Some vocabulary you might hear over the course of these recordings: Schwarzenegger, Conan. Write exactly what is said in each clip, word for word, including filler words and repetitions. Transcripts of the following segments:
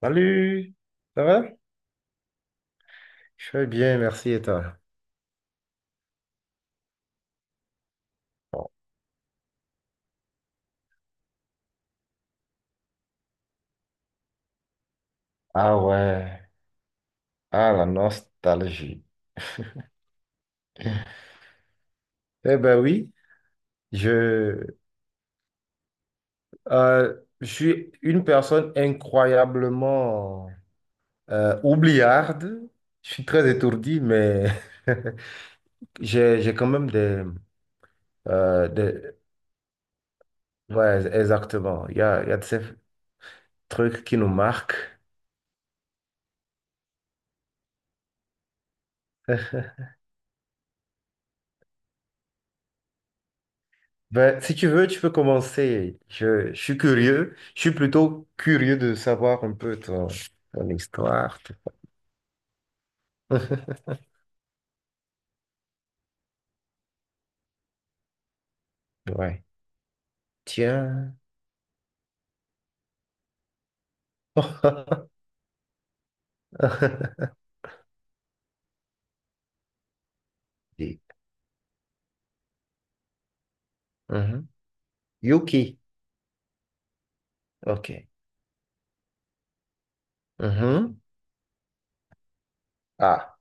Salut, ça va? Je vais bien, merci et toi? Ah ouais, ah la nostalgie. Eh ben oui, je, euh, je suis une personne incroyablement euh, oubliarde. Je suis très étourdi, mais j'ai, j'ai quand même des, euh, des... Ouais, exactement. Il y a, il y a de ces trucs qui nous marquent. Ben, si tu veux, tu peux commencer. Je, je suis curieux. Je suis plutôt curieux de savoir un peu ton, ton histoire. Ouais. Tiens. Et- Mhm. Yuki. OK. Mhm. Ah,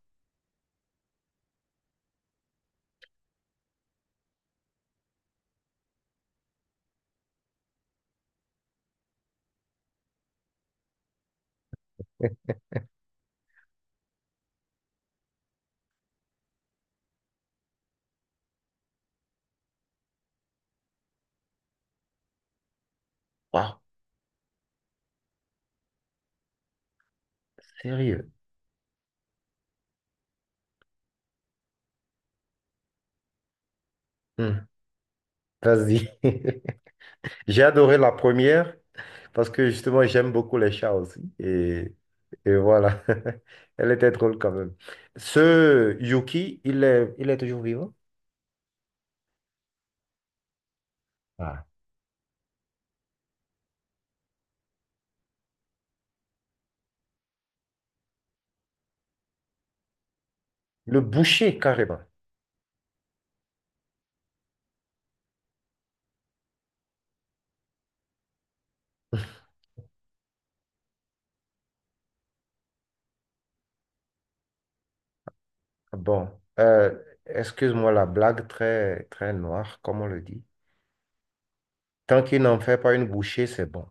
wow, sérieux. Hmm. Vas-y. J'ai adoré la première parce que justement, j'aime beaucoup les chats aussi. Et, et voilà. Elle était drôle quand même. Ce Yuki, il est, il est toujours vivant? Ah. Le boucher, carrément. Bon, euh, excuse-moi la blague très, très noire, comme on le dit. Tant qu'il n'en fait pas une bouchée, c'est bon.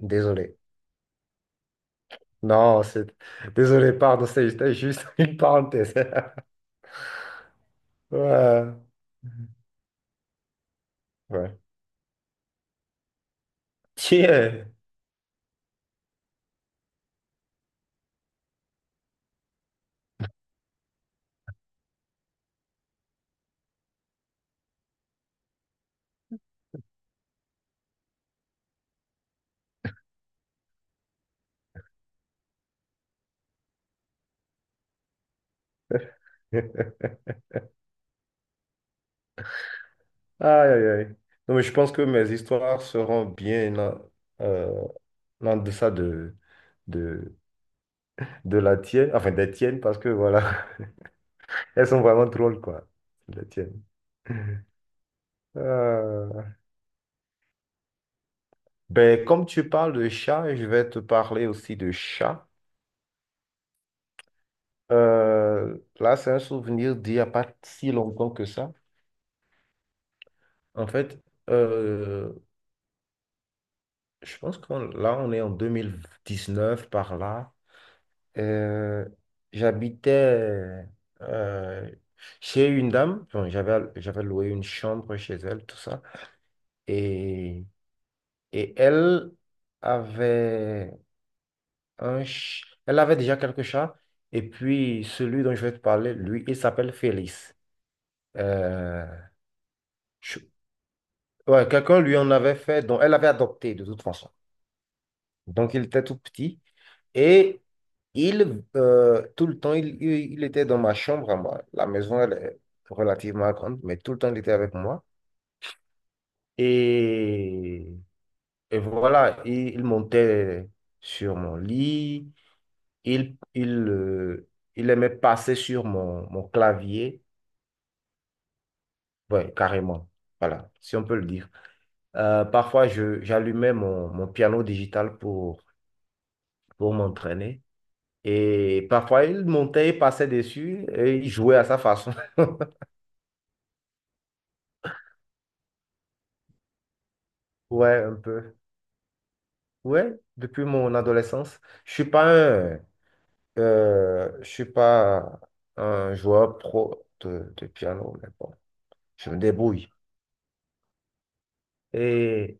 Désolé. Non, c'est... Désolé, pardon, c'est- c'était juste une parenthèse. Ouais, ouais. Tiens. Aïe, aïe, aïe. Non, mais je pense que mes histoires seront bien en, euh, en deçà de, de, de la tienne, enfin des tiennes, parce que voilà, elles sont vraiment drôles, quoi, les tiennes. Euh, Ben, comme tu parles de chat, je vais te parler aussi de chat. Euh, là, c'est un souvenir d'il n'y a pas si longtemps que ça. En fait, euh, je pense qu'on là, on est en deux mille dix-neuf par là. Euh, j'habitais euh, chez une dame. Bon, j'avais, j'avais loué une chambre chez elle, tout ça. Et, et elle avait... un ch- Elle avait déjà quelques chats. Et puis, celui dont je vais te parler, lui, il s'appelle Félix. Euh, je- ouais, quelqu'un lui en avait fait, donc elle avait adopté de toute façon. Donc, il était tout petit. Et il, euh, tout le temps, il, il- il était dans ma chambre à moi. La maison, elle est relativement grande, mais tout le temps, il était avec moi. Et, et voilà, il, il montait sur mon lit. Il, il, euh, il aimait passer sur mon, mon clavier. Ouais, carrément. Voilà, si on peut le dire. Euh, parfois, je, j'allumais mon, mon piano digital pour, pour m'entraîner. Et parfois, il montait, il passait dessus et il jouait à sa façon. Ouais, un peu. Ouais, depuis mon adolescence. Je suis pas un, euh, je suis pas un joueur pro de, de piano, mais bon, je me débrouille. Et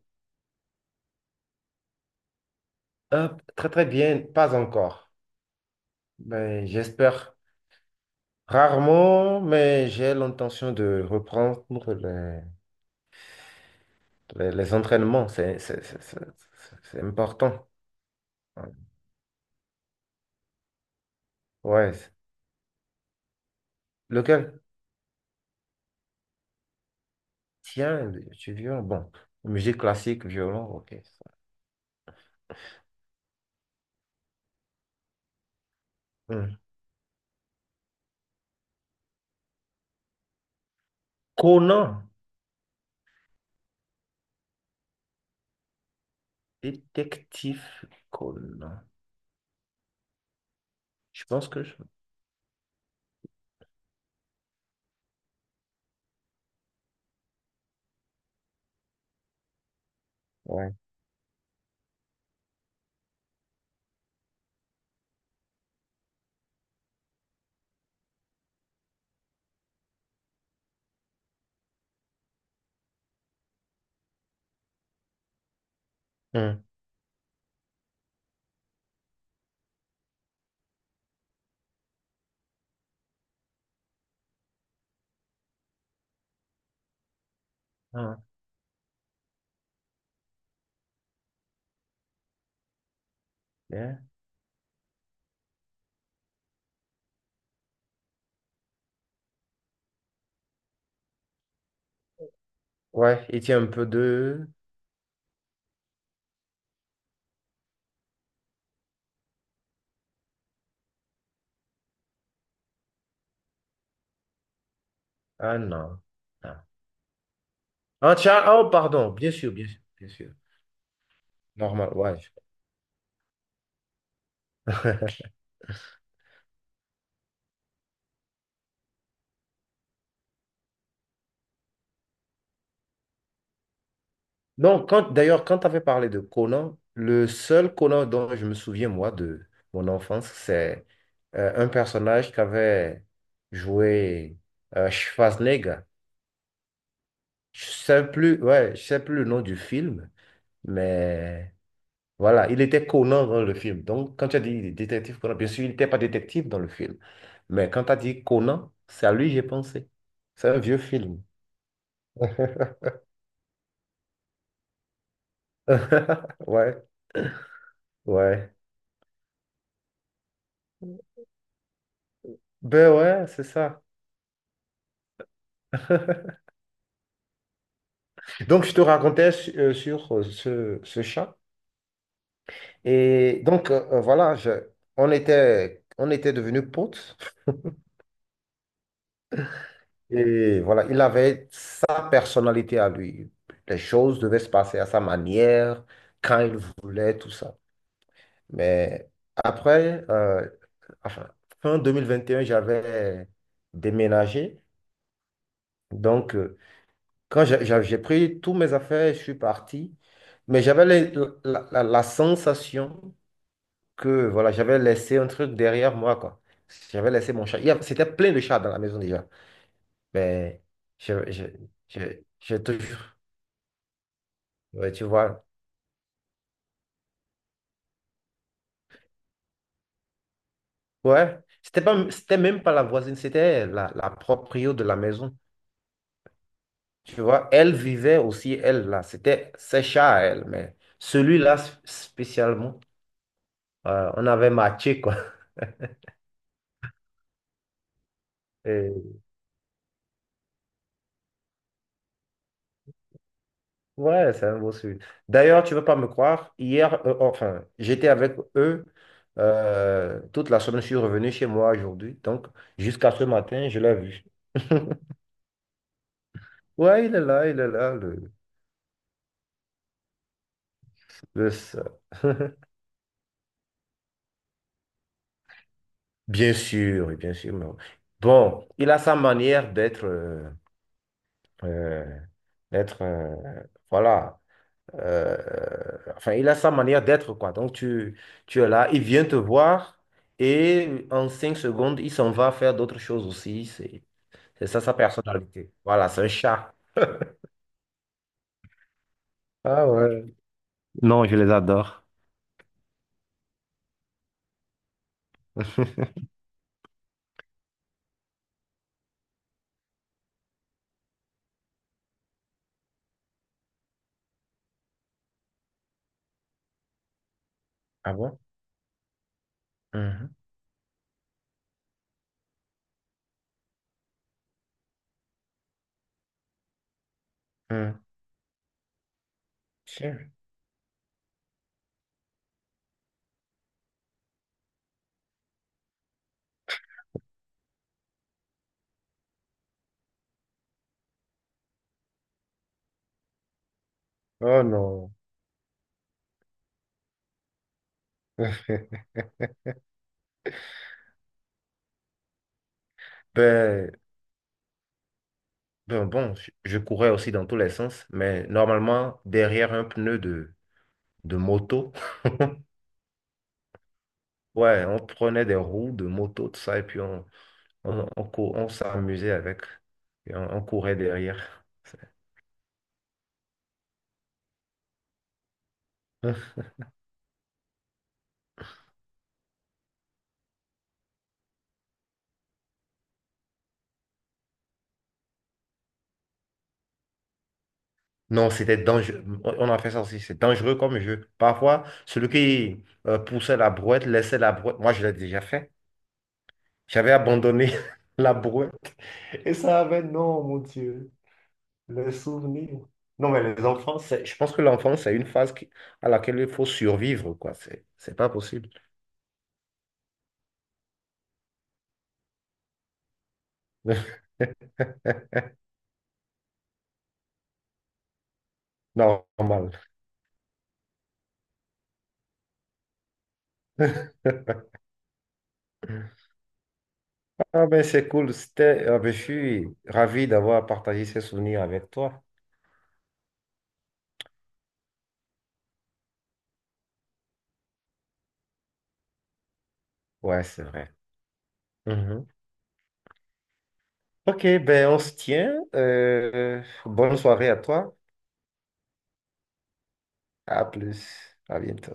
hop, très très bien, pas encore. Mais j'espère. Rarement, mais j'ai l'intention de reprendre les, les, les entraînements. C'est c'est- c'est- c'est- c'est- c'est important. Ouais. ouais, c'est- Lequel? Tiens, tu violon. Bon, musique classique, violon, ok. ça. Hmm. Conan, détective Conan. Je pense que je... Ouais. Hmm. Ah, bien. Ouais, il tient un peu de... Ah non. non. Ah tiens, ah, oh pardon, bien sûr, bien sûr, bien sûr. Normal, ouais. Non, quand d'ailleurs, quand tu avais parlé de Conan, le seul Conan dont je me souviens, moi, de mon enfance, c'est euh, un personnage qu'avait joué euh, Schwarzenegger. Je sais plus, ouais, je sais plus le nom du film, mais voilà, il était Conan dans le film. Donc, quand tu as dit détective Conan, bien sûr, il n'était pas détective dans le film, mais quand tu as dit Conan, c'est à lui que j'ai pensé. C'est un vieux film. Ouais, ouais. Ben ouais, c'est ça. Donc, je te racontais su- euh, sur euh, ce, ce chat. Et donc, euh, euh, voilà, je- on était, on était devenus potes. Et voilà, il avait sa personnalité à lui. Les choses devaient se passer à sa manière, quand il voulait, tout ça. Mais après, euh, enfin, fin deux mille vingt et un, j'avais déménagé. Donc, euh, quand j'ai j'ai- j'ai pris tous mes affaires, je suis parti. Mais j'avais les- la, la la sensation que voilà, j'avais laissé un truc derrière moi, quoi. J'avais laissé mon chat. Il y a- C'était plein de chats dans la maison déjà. Mais je, je, je, je te jure, ouais, tu vois. Ouais, c'était pas, c'était même pas la voisine, c'était la, la proprio de la maison. Tu vois, elle vivait aussi, elle, là. C'était ses chats, elle. Mais celui-là, sp- spécialement, euh, on avait matché, quoi. Ouais, c'est un beau sujet. D'ailleurs, tu ne veux pas me croire, hier, euh, enfin, j'étais avec eux euh, toute la semaine, je suis revenu chez moi aujourd'hui, donc jusqu'à ce matin, je l'ai vu. Ouais, il est là, il est là, le, le seul. Bien sûr, oui, bien sûr. Mais Bon, il a sa manière d'être, euh, euh, d'être, euh, voilà. Euh, enfin, il a sa manière d'être, quoi. Donc, tu, tu es là, il vient te voir et en cinq secondes, il s'en va faire d'autres choses aussi. C'est, c'est ça sa personnalité. Voilà, c'est un chat. Ah ouais. Non, je les adore. Ah bon? Mhm, mhm. Tiens. Oh non. Ben, ben bon, je je courais aussi dans tous les sens, mais normalement, derrière un pneu de, de moto, ouais, on prenait des roues de moto, tout ça, et puis on, On, on, cou- on s'amusait avec et on, on courait derrière. Non, c'était dangereux. On on a fait ça aussi. C'est dangereux comme jeu. Parfois, celui qui euh, poussait la brouette laissait la brouette. Moi, je l'ai déjà fait. J'avais abandonné la brouette. Et ça avait, non, mon Dieu, les souvenirs. Non, mais les enfants, c'est- je pense que l'enfance, c'est une phase qui- à laquelle il faut survivre, quoi. C'est c'est pas possible. Normal. Ah ben c'est cool, c'était, ah ben, je suis ravi d'avoir partagé ces souvenirs avec toi. Ouais, c'est vrai. Mhm. Ok, ben on se tient. Euh, bonne soirée à toi. À plus. À bientôt.